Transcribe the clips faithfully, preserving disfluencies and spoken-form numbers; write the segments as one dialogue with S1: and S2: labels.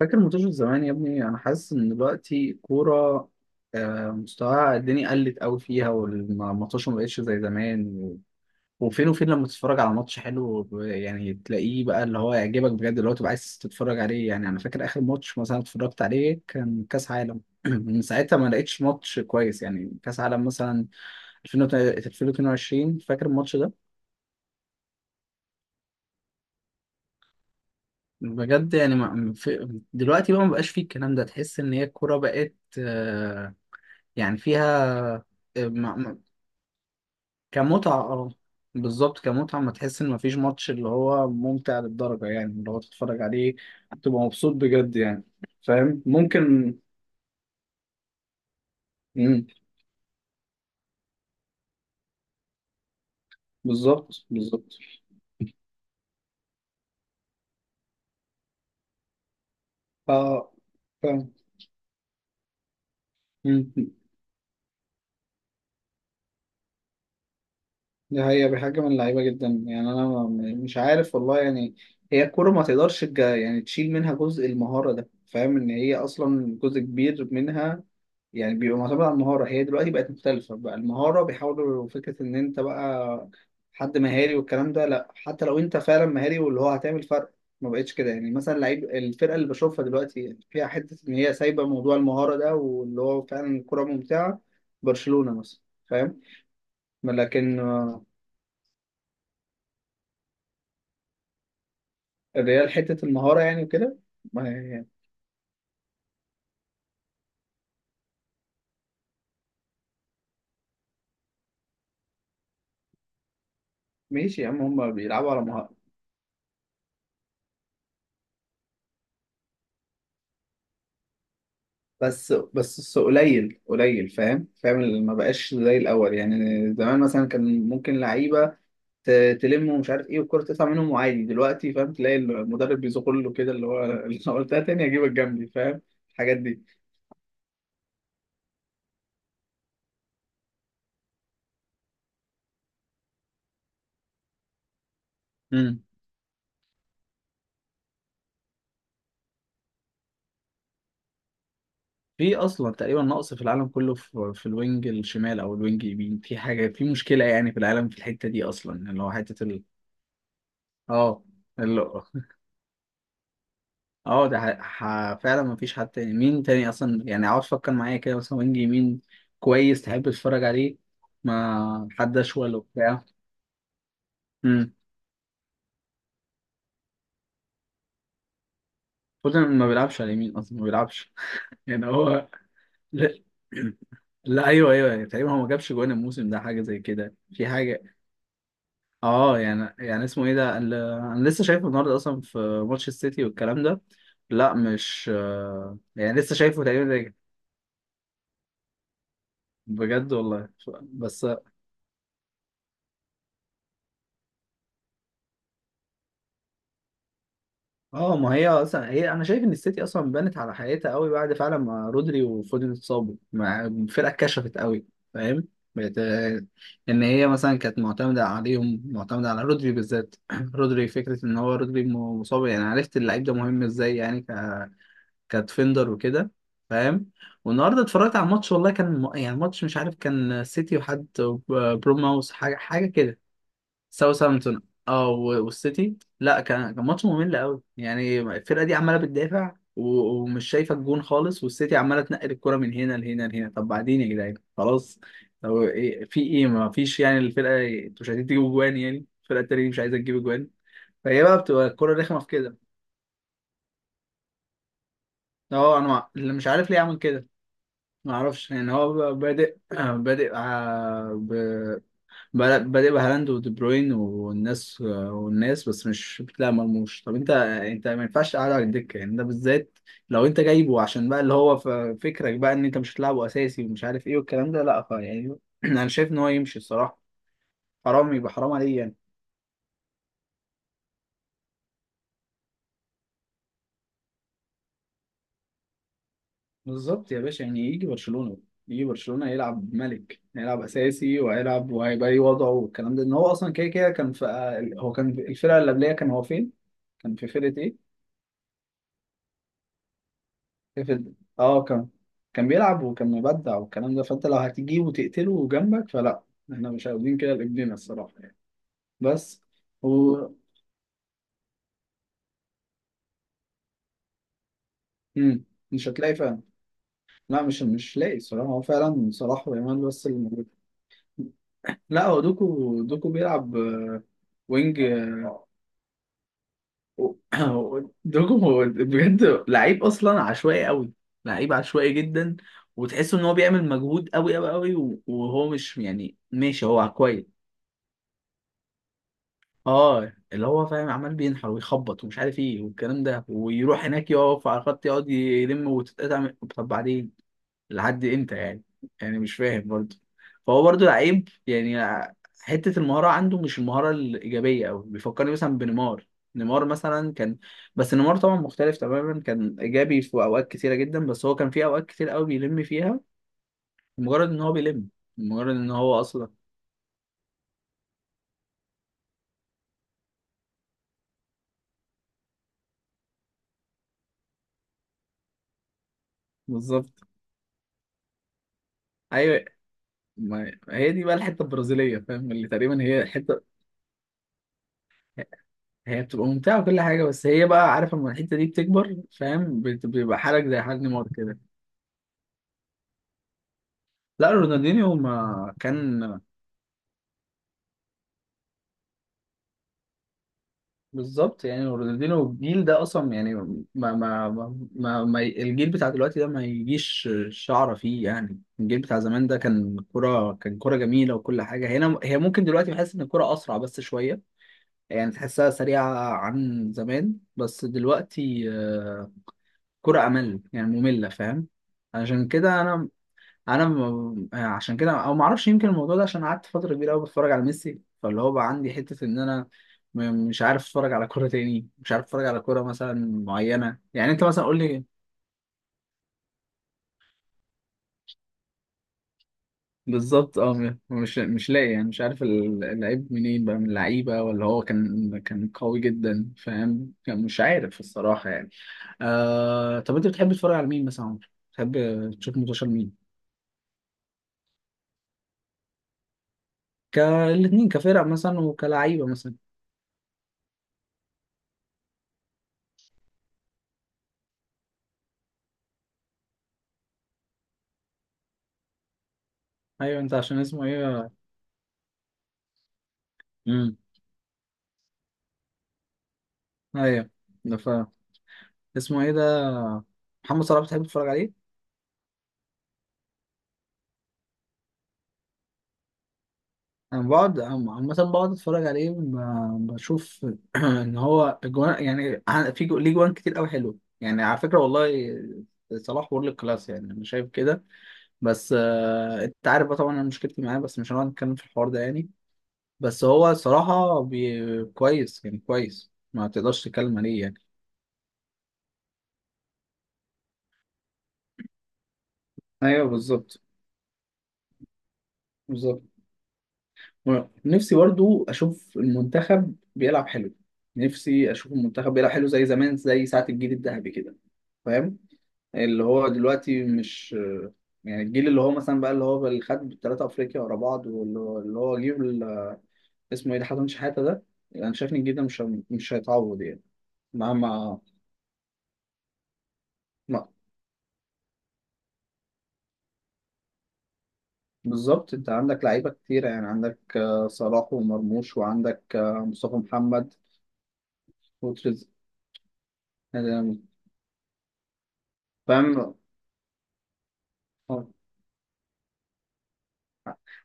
S1: فاكر منتشر زمان يا ابني. انا حاسس ان دلوقتي الكوره آه، مستواها الدنيا قلت قوي فيها، والماتش ما بقتش زي زمان و- وفين وفين لما تتفرج على ماتش حلو ب- يعني تلاقيه بقى اللي هو يعجبك بجد، اللي هو تبقى عايز تتفرج عليه. يعني انا فاكر اخر ماتش مثلا اتفرجت عليه كان كاس عالم من ساعتها ما لقيتش ماتش كويس. يعني كاس عالم مثلا ألفين واتنين وعشرين، فاكر الماتش ده. بجد يعني ما في دلوقتي، بقى ما بقاش فيه الكلام ده. تحس ان هي الكوره بقت آه، يعني فيها م- م- كمتعة، اه، بالظبط كمتعة. ما تحس ان مفيش ماتش اللي هو ممتع للدرجة، يعني اللي هو تتفرج عليه تبقى مبسوط بجد يعني. فاهم؟ ممكن. مم. بالظبط بالظبط. اه. فاهم. مم. دي حقيقة بحاجة من اللعيبة جدا. يعني أنا م- مش عارف والله يعني. هي الكورة ما تقدرش تج- يعني تشيل منها جزء المهارة ده، فاهم؟ إن هي أصلا جزء كبير منها، يعني بيبقى معتمد على المهارة. هي دلوقتي بقت مختلفة، بقى المهارة بيحاولوا فكرة إن أنت بقى حد مهاري والكلام ده، لأ، حتى لو أنت فعلا مهاري واللي هو هتعمل فرق ما بقتش كده. يعني مثلا لعيب الفرقة اللي بشوفها دلوقتي فيها حتة إن هي سايبة موضوع المهارة ده، واللي هو فعلا الكورة ممتعة. برشلونة مثلا. فاهم؟ لكن الريال حتة المهارة يعني وكده. ما هي- ماشي يا عم، هما بيلعبوا على مهارة. بس بس الس- قليل قليل، فاهم؟ فاهم، اللي ما بقاش زي الأول يعني. زمان مثلا كان ممكن لعيبة ت- تلم ومش عارف ايه، والكرة تطلع منهم وعادي. دلوقتي فاهم تلاقي المدرب بيزق له كده، اللي هو اللي أنا قلتها، تاني أجيبك جنبي، فاهم؟ الحاجات دي. امم في اصلا تقريبا نقص في العالم كله، في, في الوينج الشمال او الوينج اليمين، في حاجه، في مشكله يعني في العالم في الحته دي اصلا، اللي هو حته ال... اه. اه، ده ح... ح... فعلا مفيش حد تاني. مين تاني اصلا يعني؟ عاوز فكر معايا كده، مثلا وينج يمين كويس تحب تتفرج عليه. ما حد اشول وبتاع. امم فودن ما بيلعبش على اليمين اصلا، ما بيلعبش يعني هو. لا, لا ايوه ايوه، يعني تقريبا هو ما جابش جوان الموسم ده حاجه زي كده، في حاجه. اه يعني يعني اسمه ايه ده ال- انا لسه شايفه النهارده اصلا في ماتش السيتي والكلام ده. لا مش آه، يعني لسه شايفه تقريبا ده- بجد والله. بس اه. ما هي اصلا هي انا شايف ان السيتي اصلا بنت على حقيقتها قوي. بعد فعلا ما رودري وفودن اتصابوا، مع الفرقه اتكشفت قوي، فاهم؟ بقت آه، ان هي مثلا كانت معتمده عليهم، معتمده على رودري بالذات. رودري فكره ان هو رودري م- مصاب، يعني عرفت اللعيب ده مهم ازاي يعني، ك... كديفندر وكده، فاهم؟ والنهارده اتفرجت على الماتش والله، كان م- يعني ماتش مش عارف، كان سيتي وحد ب- بروماوس، حاجه حاجه كده. ساوثهامبتون. اه، و- والسيتي، لا كان كان ماتش ممل قوي. يعني الفرقه دي عماله بتدافع و- ومش شايفه الجون خالص، والسيتي عماله تنقل الكره من هنا لهنا لهنا. طب بعدين يا جدعان، خلاص. طب إيه، في ايه؟ ما فيش يعني. الفرقه انتوا مش عايزين تجيبوا جوان، يعني الفرقه التانيه دي مش عايزه تجيب جوان، فهي بقى بتبقى الكره رخمه في كده. اه، انا مع- اللي مش عارف ليه عمل كده. ما اعرفش يعني، هو بقى بادئ آه، بادئ آه، ب... بادئ بادئ بهالاند ودي بروين والناس والناس، بس مش بتلاقي مرموش. طب انت انت ما ينفعش تقعده على الدكه يعني ده بالذات. لو انت جايبه عشان بقى اللي هو ف- فكرك بقى ان انت مش هتلعبه اساسي ومش عارف ايه والكلام ده، لا ف- يعني انا شايف ان هو يمشي الصراحه، حرام يبقى، حرام عليه يعني. بالظبط يا باشا، يعني يجي برشلونه، يجي برشلونه يلعب ملك، هيلعب اساسي وهيلعب وهيبقى ليه وضعه والكلام ده. ان هو اصلا كده كده كان في، هو كان في الفرقه اللي قبليه كان هو فين؟ كان في فرقه ايه؟ قفل. اه كان كان بيلعب وكان مبدع والكلام ده، فانت لو هتجيبه وتقتله جنبك، فلا، احنا مش عاوزين كده لابننا الصراحه يعني. بس و... مم. مش هتلاقي فعلا. لا مش مش لاقي الصراحه. هو فعلا صلاح ويامال بس اللي موجود. لا هو دوكو، دوكو بيلعب آه، وينج آه، و- دوكو هو بجد لعيب اصلا عشوائي قوي، لعيب عشوائي جدا. وتحس ان هو بيعمل مجهود قوي قوي قوي، وهو مش يعني ماشي، هو كويس. اه اللي هو فاهم، عمال بينحر ويخبط ومش عارف ايه والكلام ده، ويروح هناك يقف على الخط يقعد يلم وتتقطع من- طب بعدين، لحد امتى يعني؟ يعني مش فاهم برضه. فهو برضه لعيب يعني، حتة المهارة عنده مش المهارة الإيجابية أوي. بيفكرني مثلا بنيمار. نيمار مثلا كان، بس نيمار طبعا مختلف تماما، كان إيجابي في أوقات كتيرة جدا، بس هو كان في أوقات كتير أوي بيلم فيها، مجرد إن هو بيلم، مجرد إن هو أصلا. بالظبط. أيوه. ما هي دي بقى الحته البرازيليه، فاهم؟ اللي تقريبا هي حته. هي بتبقى ممتعه وكل حاجه، بس هي بقى عارف لما الحته دي بتكبر، فاهم؟ بت- بيبقى حالك زي حال نيمار كده. لا رونالدينيو ما كان. بالظبط، يعني رونالدينيو الجيل ده اصلا، يعني ما ما ما, ما, ما الجيل بتاع دلوقتي ده ما يجيش شعره فيه يعني. الجيل بتاع زمان ده كان كرة، كان كرة جميله وكل حاجه. هنا هي ممكن دلوقتي بحس ان الكرة اسرع بس شويه، يعني تحسها سريعه عن زمان، بس دلوقتي كرة أمل يعني مملة، فاهم؟ عشان كده أنا، أنا م- يعني عشان كده أو معرفش، يمكن الموضوع ده عشان قعدت فترة كبيرة أوي بتفرج على ميسي، فاللي هو بقى عندي حتة إن أنا م- مش عارف أتفرج على كرة تاني، مش عارف أتفرج على كرة مثلا معينة. يعني أنت مثلا قول لي. بالظبط أه، م- مش مش لاقي يعني، مش عارف ال- اللعيب منين بقى، من اللعيبة ولا هو كان، كان قوي جدا فاهم، كان مش عارف الصراحة يعني. آه، طب أنت بتحب تتفرج على مين مثلا يا عمر؟ بتحب تشوف منتشر مين؟ كالاثنين، كفرق مثلا وكلعيبه مثلا. ايوه انت عشان اسمه ايه. امم. ايوه. ده ف، اسمه ايه ده، محمد صلاح، بتحب تتفرج عليه. انا بقعد عم- عامه بقعد اتفرج عليه، ب- بشوف ان هو اجوان يعني، ع- في جو- ليه جوان كتير قوي حلو يعني على فكره والله. صلاح وورلد كلاس يعني، انا شايف كده. بس آه، انت عارف بقى طبعا انا مشكلتي معاه، بس مش هنقعد نتكلم في الحوار ده يعني. بس هو صراحه بي... كويس يعني، كويس ما تقدرش تتكلم عليه يعني. ايوه بالظبط. بالظبط. نفسي برضو اشوف المنتخب بيلعب حلو، نفسي اشوف المنتخب بيلعب حلو زي زمان، زي ساعة الجيل الذهبي كده، فاهم؟ اللي هو دلوقتي مش، يعني الجيل اللي هو مثلا بقى، اللي هو اللي خد ثلاثة افريقيا ورا بعض، واللي هو اللي هو جيل ال- اسمه ايه ده، حسن شحاتة ده. انا شايف ان الجيل ده مش مش هيتعوض يعني. مع مع مع- بالظبط. انت عندك لعيبة كتيرة يعني، عندك آه، صلاح ومرموش، وعندك آه، مصطفى محمد وتريز. فاهم؟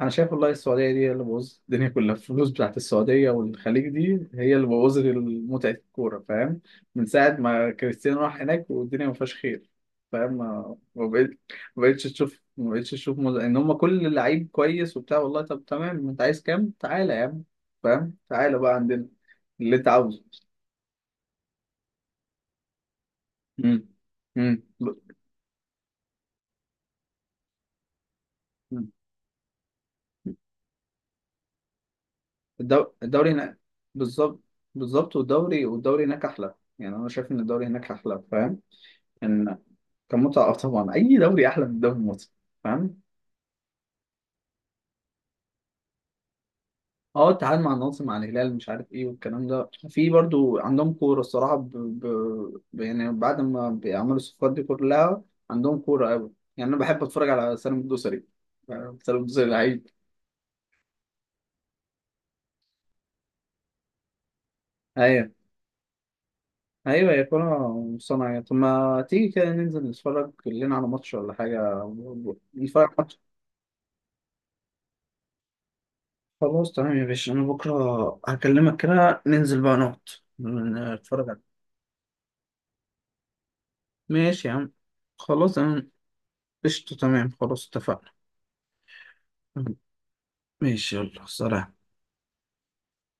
S1: انا شايف والله السعوديه دي هي اللي بوظت الدنيا كلها. الفلوس بتاعت السعوديه والخليج دي هي اللي بوظت متعه الكوره، فاهم؟ من ساعه ما كريستيانو راح هناك والدنيا ما فيهاش خير، فاهم؟ ما ما بقيت- ما بقتش تشوف، ما بقتش تشوف مز... ان هم كل لعيب كويس وبتاع والله طب تمام انت عايز كام، تعالى يا عم، فاهم؟ تعالى بقى عندنا اللي انت عاوزه. امم. امم. الدو- الدوري هناك. بالظبط. بالظبط، والدوري والدوري هناك احلى يعني، انا شايف ان الدوري هناك احلى. فاهم؟ كان متعة. آه طبعا، أي دوري أحلى من الدوري المصري. فاهم؟ اه التعادل مع النصر مع الهلال مش عارف ايه والكلام ده، في برضو عندهم كورة الصراحة ب... ب... ب- يعني بعد ما بيعملوا الصفقات دي كلها عندهم كورة أوي. يعني أنا بحب أتفرج على سالم الدوسري، آه، سالم الدوسري لعيب. أيوه. أيوه هي كورة صناعية. طب ما تيجي كده ننزل نتفرج لنا على ماتش ولا حاجة، نتفرج على ماتش. خلاص تمام يا باشا، أنا بكرة هكلمك كده، ننزل بقى نقعد نتفرج. ماشي يا عم. خلاص انا قشطة، تمام، خلاص اتفقنا. ماشي، يلا سلام.